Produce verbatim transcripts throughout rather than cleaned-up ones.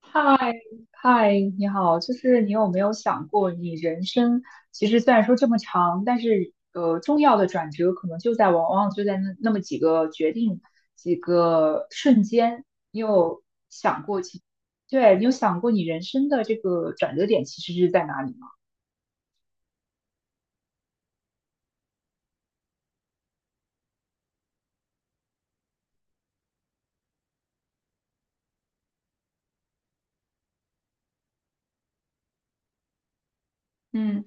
嗨嗨，你好，就是你有没有想过，你人生其实虽然说这么长，但是呃，重要的转折可能就在往往就在那那么几个决定、几个瞬间，你有想过其，对，你有想过你人生的这个转折点其实是在哪里吗？嗯。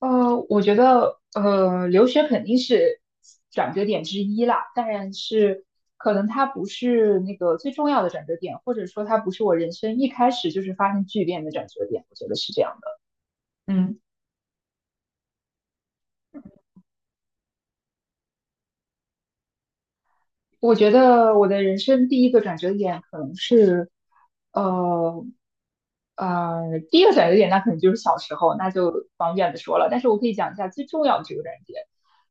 呃，我觉得呃，留学肯定是转折点之一啦，但是可能它不是那个最重要的转折点，或者说它不是我人生一开始就是发生巨变的转折点，我觉得是这样的。嗯。我觉得我的人生第一个转折点可能是，呃呃，第一个转折点那可能就是小时候，那就方便的说了。但是我可以讲一下最重要的这个转折点，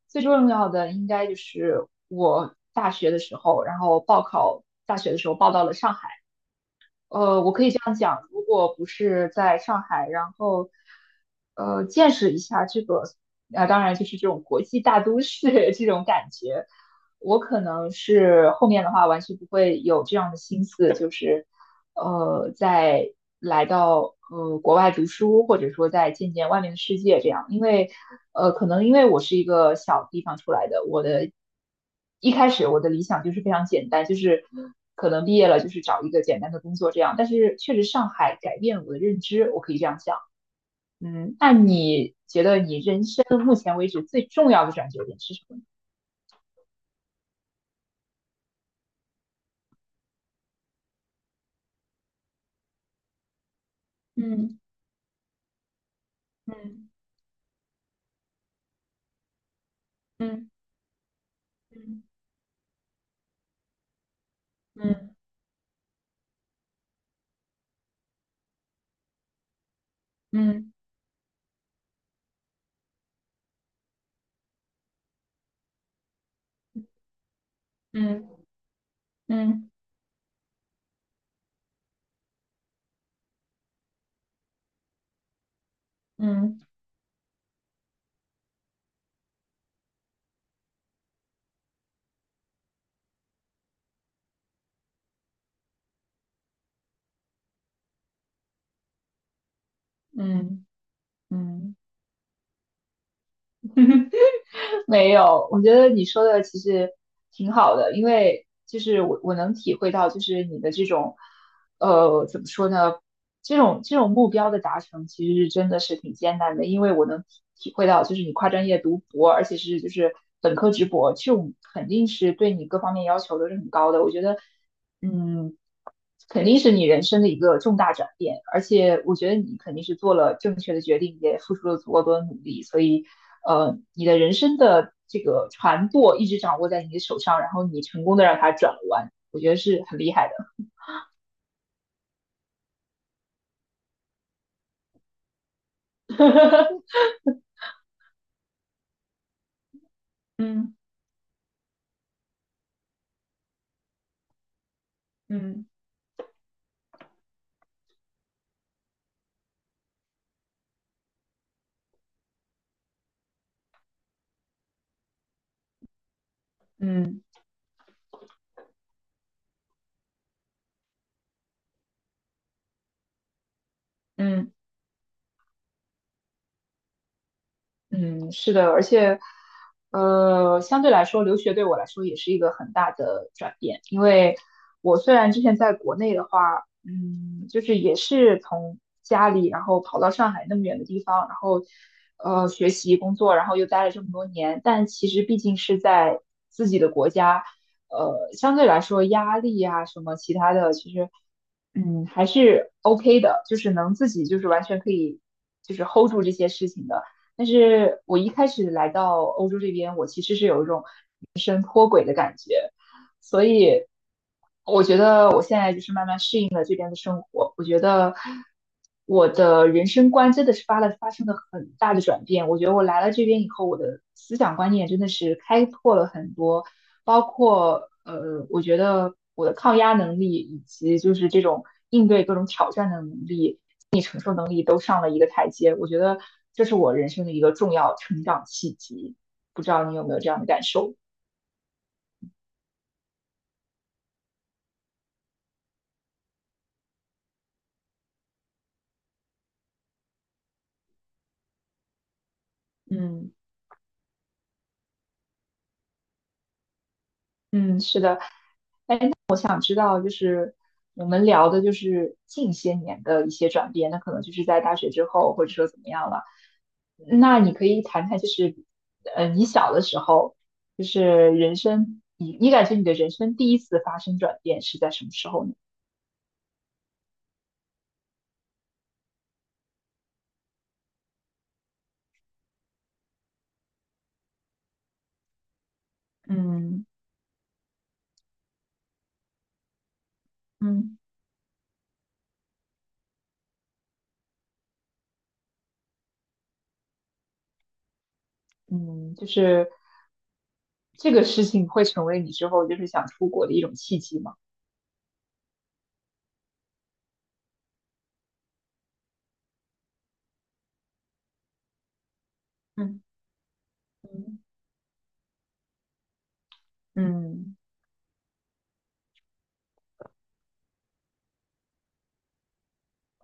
最重要的应该就是我大学的时候，然后报考大学的时候报到了上海。呃，我可以这样讲，如果不是在上海，然后呃见识一下这个，啊、当然就是这种国际大都市 这种感觉，我可能是后面的话完全不会有这样的心思，就是呃再来到呃国外读书，或者说再见见外面的世界这样，因为呃可能因为我是一个小地方出来的，我的。一开始我的理想就是非常简单，就是可能毕业了就是找一个简单的工作这样。但是确实上海改变了我的认知，我可以这样想。嗯，那你觉得你人生目前为止最重要的转折点是什么呢？嗯嗯嗯嗯嗯嗯嗯嗯嗯嗯嗯。没有，我觉得你说的其实挺好的，因为就是我我能体会到，就是你的这种，呃，怎么说呢？这种这种目标的达成，其实是真的是挺艰难的，因为我能体体会到，就是你跨专业读博，而且是就是本科直博，这种肯定是对你各方面要求都是很高的。我觉得嗯，肯定是你人生的一个重大转变，而且我觉得你肯定是做了正确的决定，也付出了足够多的努力，所以，呃，你的人生的这个船舵一直掌握在你的手上，然后你成功的让它转弯，我觉得是很厉害的。嗯嗯嗯嗯。嗯，是的，而且，呃，相对来说，留学对我来说也是一个很大的转变，因为我虽然之前在国内的话，嗯，就是也是从家里，然后跑到上海那么远的地方，然后，呃，学习、工作，然后又待了这么多年，但其实毕竟是在自己的国家，呃，相对来说压力啊什么其他的，其实，嗯，还是 OK 的，就是能自己就是完全可以就是 hold 住这些事情的。但是我一开始来到欧洲这边，我其实是有一种所以我觉得我现在就是慢慢适应了这边的生活，我觉得我的人生观真的是发了发生了很大的转变。我觉得我来了这边以后，我的思想观念真的是开拓了很多，包括呃，我觉得我的抗压能力以及就是这种应对各种挑战的能力、心理承受能力都上了一个台阶。我觉得这是我人生的一个重要成长契机。不知道你有没有这样的感受？嗯嗯，是的。知道，就是我们聊的就是近些年的一些转变，那可能就是在大学之后，或者说怎么样了。那你可以谈谈，就是呃，你小的时候，就是人生，你你感觉你的人生第一次发生转变是在什么时候呢？嗯嗯嗯，就是这个事情会成为你之后就是想出国的一种契机吗？嗯嗯嗯，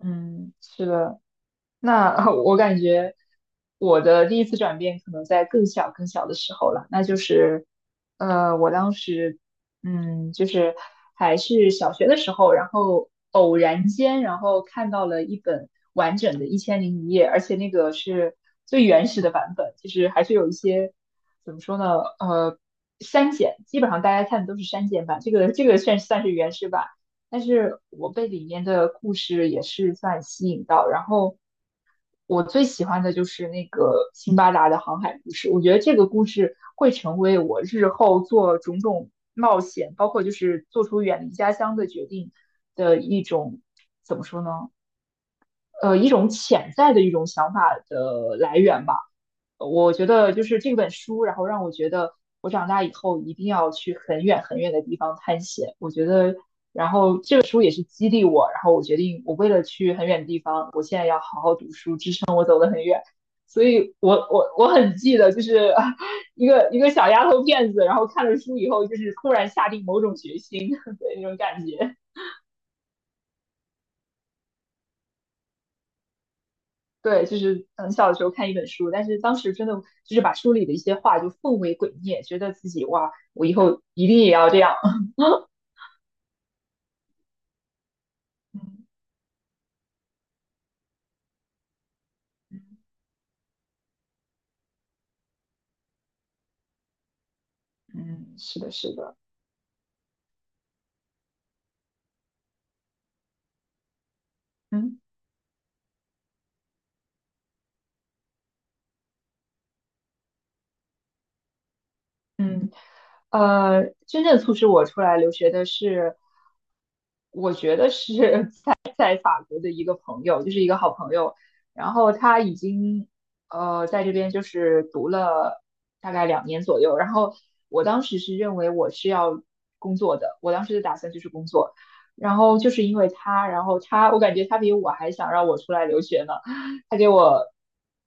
嗯嗯是的，那 我感觉我的第一次转变可能在更小更小的时候了，那就是，呃，我当时，嗯，就是还是小学的时候，然后偶然间，然后看到了一本完整的《一千零一夜》，而且那个是最原始的版本，就是还是有一些怎么说呢，呃，删减，基本上大家看的都是删减版，这个这个算算是原始版。但是我被里面的故事也是算吸引到，然后我最喜欢的就是那个辛巴达的航海故事，我觉得这个故事会成为我日后做种种冒险，包括就是做出远离家乡的决定的一种，怎么说呢？呃，一种潜在的一种想法的来源吧。呃我觉得就是这本书，然后让我觉得我长大以后一定要去很远很远的地方探险。我觉得这本书也是激励我，然后我决定我为了去很远的地方，我现在要好好读书，支所以我我我很记得，就是 啊一个一个小丫头片子，然后看了书以后，就是突然下定某种决心，对那种感觉。对，就是很小的时候看一本书，但是当时真的就是把书里的一些话就奉为圭臬，觉得自己哇，我以后一定也要这样。嗯嗯，是的，是的，嗯嗯，呃，真正促使我出来留学的是，我觉得是法国的一个朋友，就是一个好朋友，然后他已经呃在这边就是读了大概两年左右，然后我当时是认为我是要工作的，我当时的打算就是工作，然后就是因为他，然后他我感觉他比我还想让我出来留学呢，他给我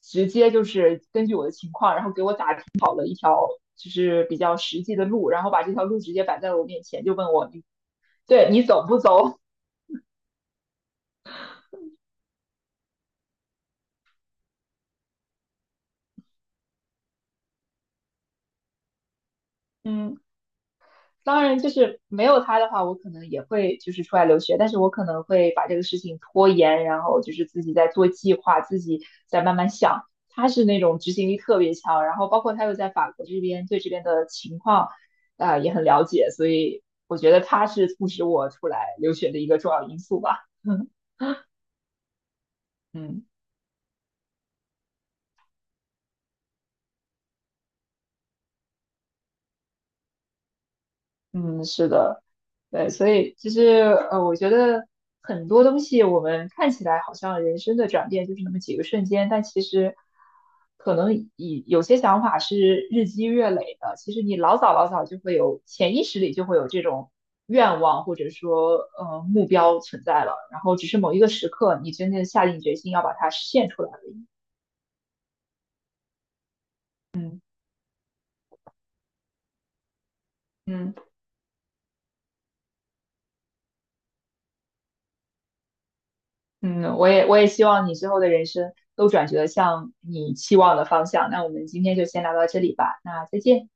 直接就是根据我的情况，然后给我打听好了一条就是比较实际的路，然后把这条路直接摆在了我面前，就问我对你走不走？嗯。当然，就是没有他的话，我可能也会就是出来留学，但是我可能会把这个事情拖延，然后就是自己在做计划，自己在慢慢想。他是那种执行力特别强，然后包括他又在法国这边，对这边的情况啊、也很了解，所以我觉得他是促使我出来留学的一个重要因素吧。嗯。嗯，是的，对，所以其实呃，我觉得很多东西我们看起来好像人生的转变就是那么几个瞬间，但其实可能以有些想法是日积月累的。其实你老早老早就会有潜意识里就会有这种愿望或者说呃目标存在了，然后只是某一个时刻你真正下定决心要把它实现出来而已。嗯。嗯，我也我也希望你之后的人生都转折向你期望的方向。那我们今天就先聊到这里吧，那再见。